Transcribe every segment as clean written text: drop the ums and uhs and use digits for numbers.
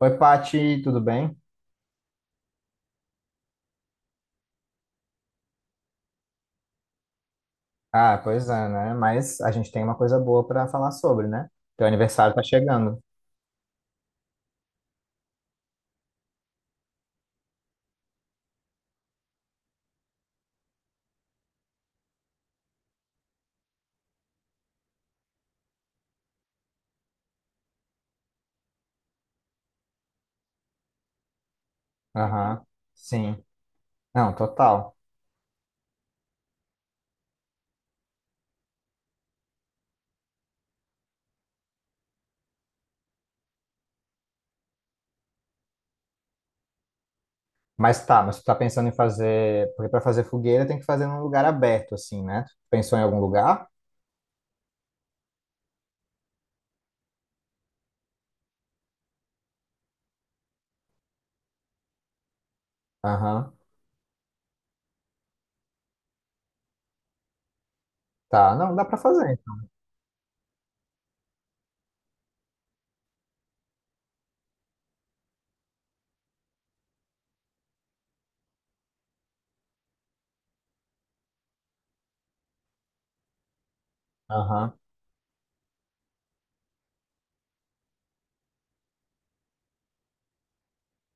Oi, Pati, tudo bem? Ah, pois é, né? Mas a gente tem uma coisa boa para falar sobre, né? Teu aniversário tá chegando. Aham, sim. Não, total. Mas tá, mas tu tá pensando em fazer. Porque para fazer fogueira tem que fazer num lugar aberto, assim, né? Tu pensou em algum lugar? Aham, tá. Não, dá para fazer. Então. Aham,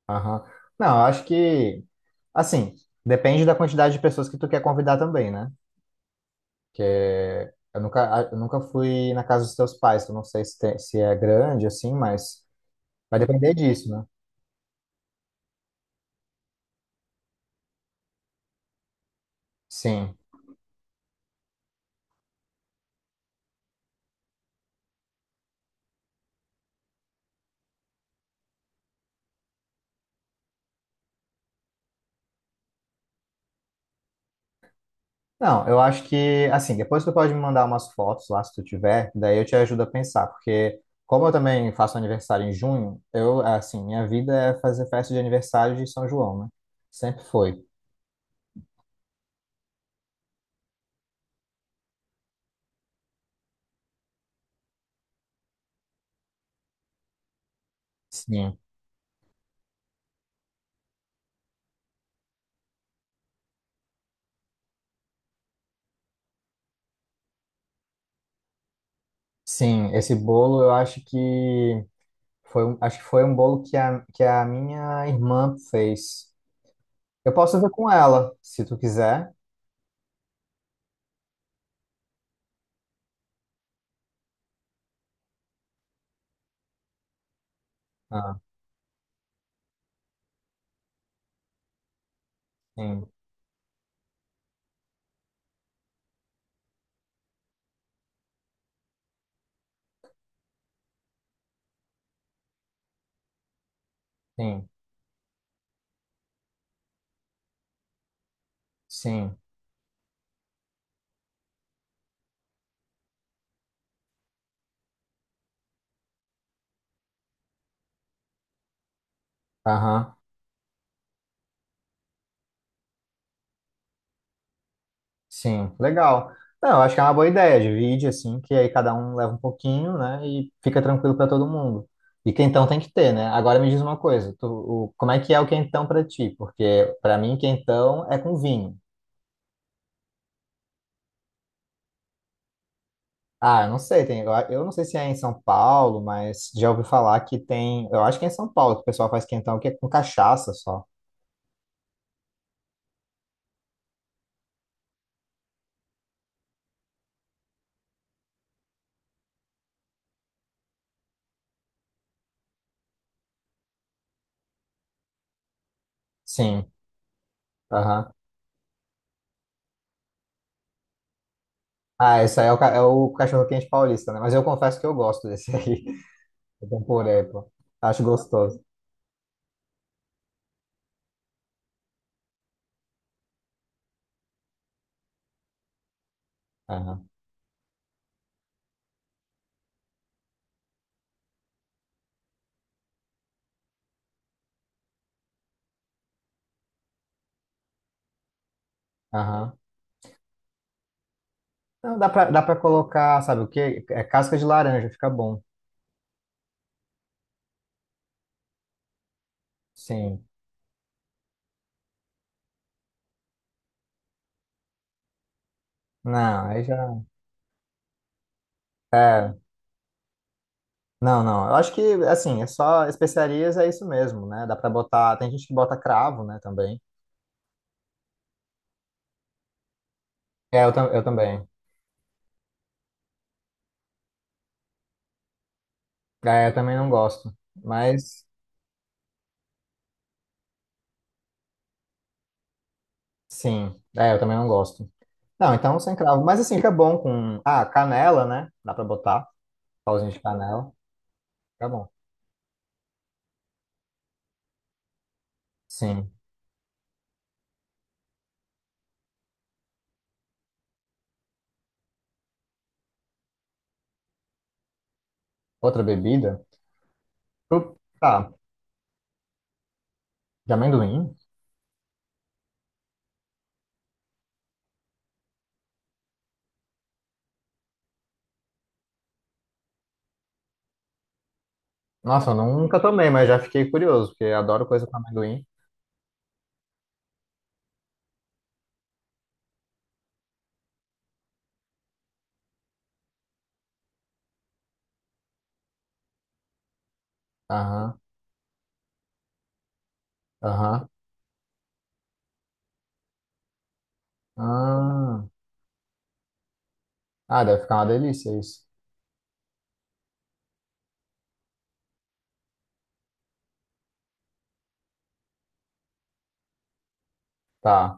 aham. Não, eu acho que. Assim, depende da quantidade de pessoas que tu quer convidar também, né? Porque eu nunca fui na casa dos teus pais, eu não sei se, se é grande, assim, mas. Vai depender disso, né? Sim. Não, eu acho que, assim, depois tu pode me mandar umas fotos lá, se tu tiver, daí eu te ajudo a pensar, porque como eu também faço aniversário em junho, eu, assim, minha vida é fazer festa de aniversário de São João, né? Sempre foi. Sim. Sim, esse bolo eu acho que foi, acho que foi um bolo que a minha irmã fez. Eu posso ver com ela, se tu quiser. Ah, sim, sim, sim. Aham. Sim, legal. Não, eu acho que é uma boa ideia, divide assim, que aí cada um leva um pouquinho, né, e fica tranquilo para todo mundo. E quentão tem que ter, né? Agora me diz uma coisa, tu, o, como é que é o quentão para ti? Porque para mim quentão é com vinho. Ah, eu não sei, tem, eu não sei se é em São Paulo, mas já ouvi falar que tem, eu acho que é em São Paulo que o pessoal faz quentão que é com cachaça só. Sim, aham. Ah, esse aí é o, é o cachorro-quente paulista, né? Mas eu confesso que eu gosto desse aí, com purê, pô. Acho gostoso. Aham. Não, dá pra colocar, sabe o quê? É casca de laranja, fica bom. Sim. Não, aí já. É. Não, não. Eu acho que, assim, é só especiarias, é isso mesmo, né? Dá pra botar. Tem gente que bota cravo, né, também. É, eu, eu também. É, eu também não gosto. Mas, sim. É, eu também não gosto. Não, então sem cravo. Mas, assim, fica bom com. Ah, canela, né? Dá pra botar. Pauzinho de canela. Fica bom. Sim. Outra bebida? Tá. De amendoim? Nossa, eu nunca tomei, mas já fiquei curioso, porque eu adoro coisa com amendoim. Aham, aham. Ah, ah, deve ficar uma delícia isso. Tá.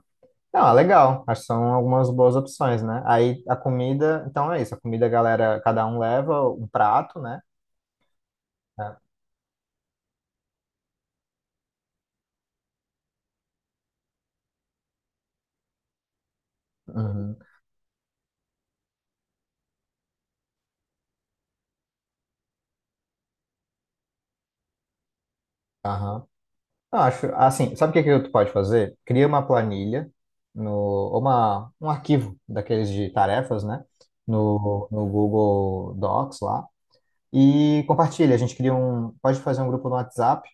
Não, é legal. Acho que são algumas boas opções, né? Aí a comida, então é isso. A comida, a galera, cada um leva um prato, né? É. Uhum, aham. Não, acho, assim, sabe o que que tu pode fazer? Cria uma planilha, no, uma, um arquivo daqueles de tarefas, né? No Google Docs lá. E compartilha, a gente cria um, pode fazer um grupo no WhatsApp,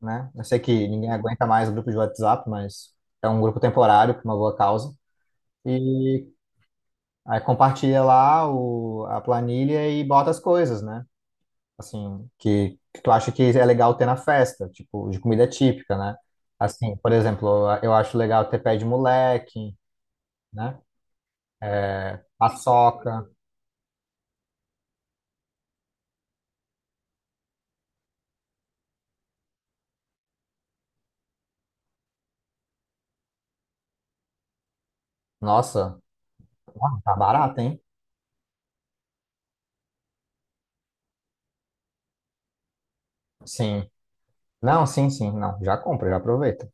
né? Eu sei que ninguém aguenta mais o grupo de WhatsApp, mas é um grupo temporário por uma boa causa. E aí compartilha lá o, a planilha e bota as coisas, né? Assim, que tu acha que é legal ter na festa, tipo, de comida típica, né? Assim, por exemplo, eu acho legal ter pé de moleque, né? Paçoca. Nossa, ó, tá barato, hein? Sim. Não, sim, sim, não. Já compra, já aproveita.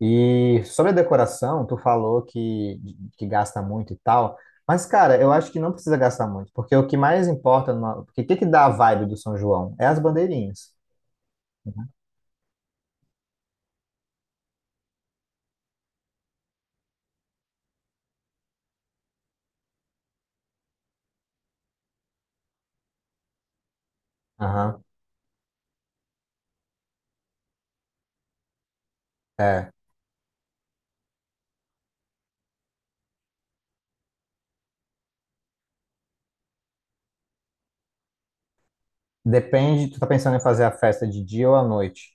E sobre a decoração, tu falou que gasta muito e tal, mas cara, eu acho que não precisa gastar muito, porque o que mais importa, porque o que que dá a vibe do São João? É as bandeirinhas. Aham, é. Depende, tu tá pensando em fazer a festa de dia ou à noite,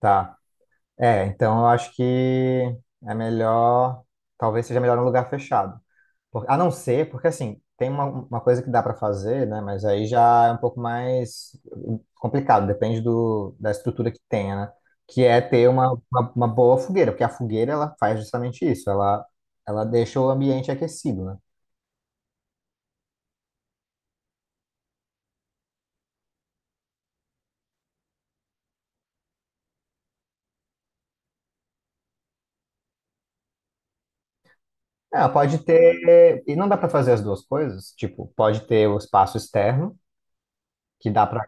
tá? É, então eu acho que é melhor, talvez seja melhor num lugar fechado. A não ser, porque assim, tem uma coisa que dá para fazer, né? Mas aí já é um pouco mais complicado, depende do, da estrutura que tenha, né? Que é ter uma boa fogueira, porque a fogueira ela faz justamente isso, ela deixa o ambiente aquecido, né? É, Ela pode ter, e não dá para fazer as duas coisas, tipo, pode ter o espaço externo, que dá para.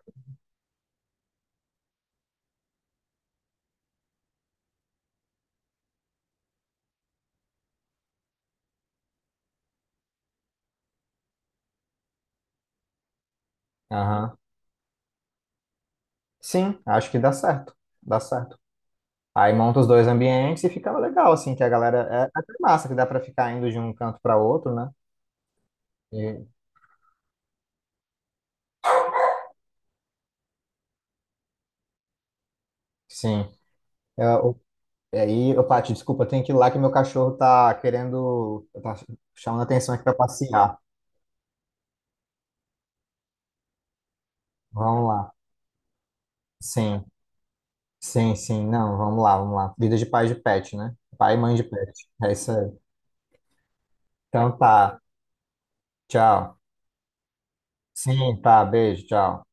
Aham. Sim, acho que dá certo, dá certo. Aí monta os dois ambientes e fica legal, assim, que a galera. É até massa que dá para ficar indo de um canto para outro, né? E- sim. Eu, aí, ô, Paty, desculpa, eu tenho que ir lá que meu cachorro tá querendo, tá chamando a atenção aqui pra passear. Vamos lá. Sim, sim, sim. Não, vamos lá, vamos lá. Vida de pai de pet, né? Pai e mãe de pet. É isso aí. Então tá. Tchau. Sim, tá. Beijo, tchau.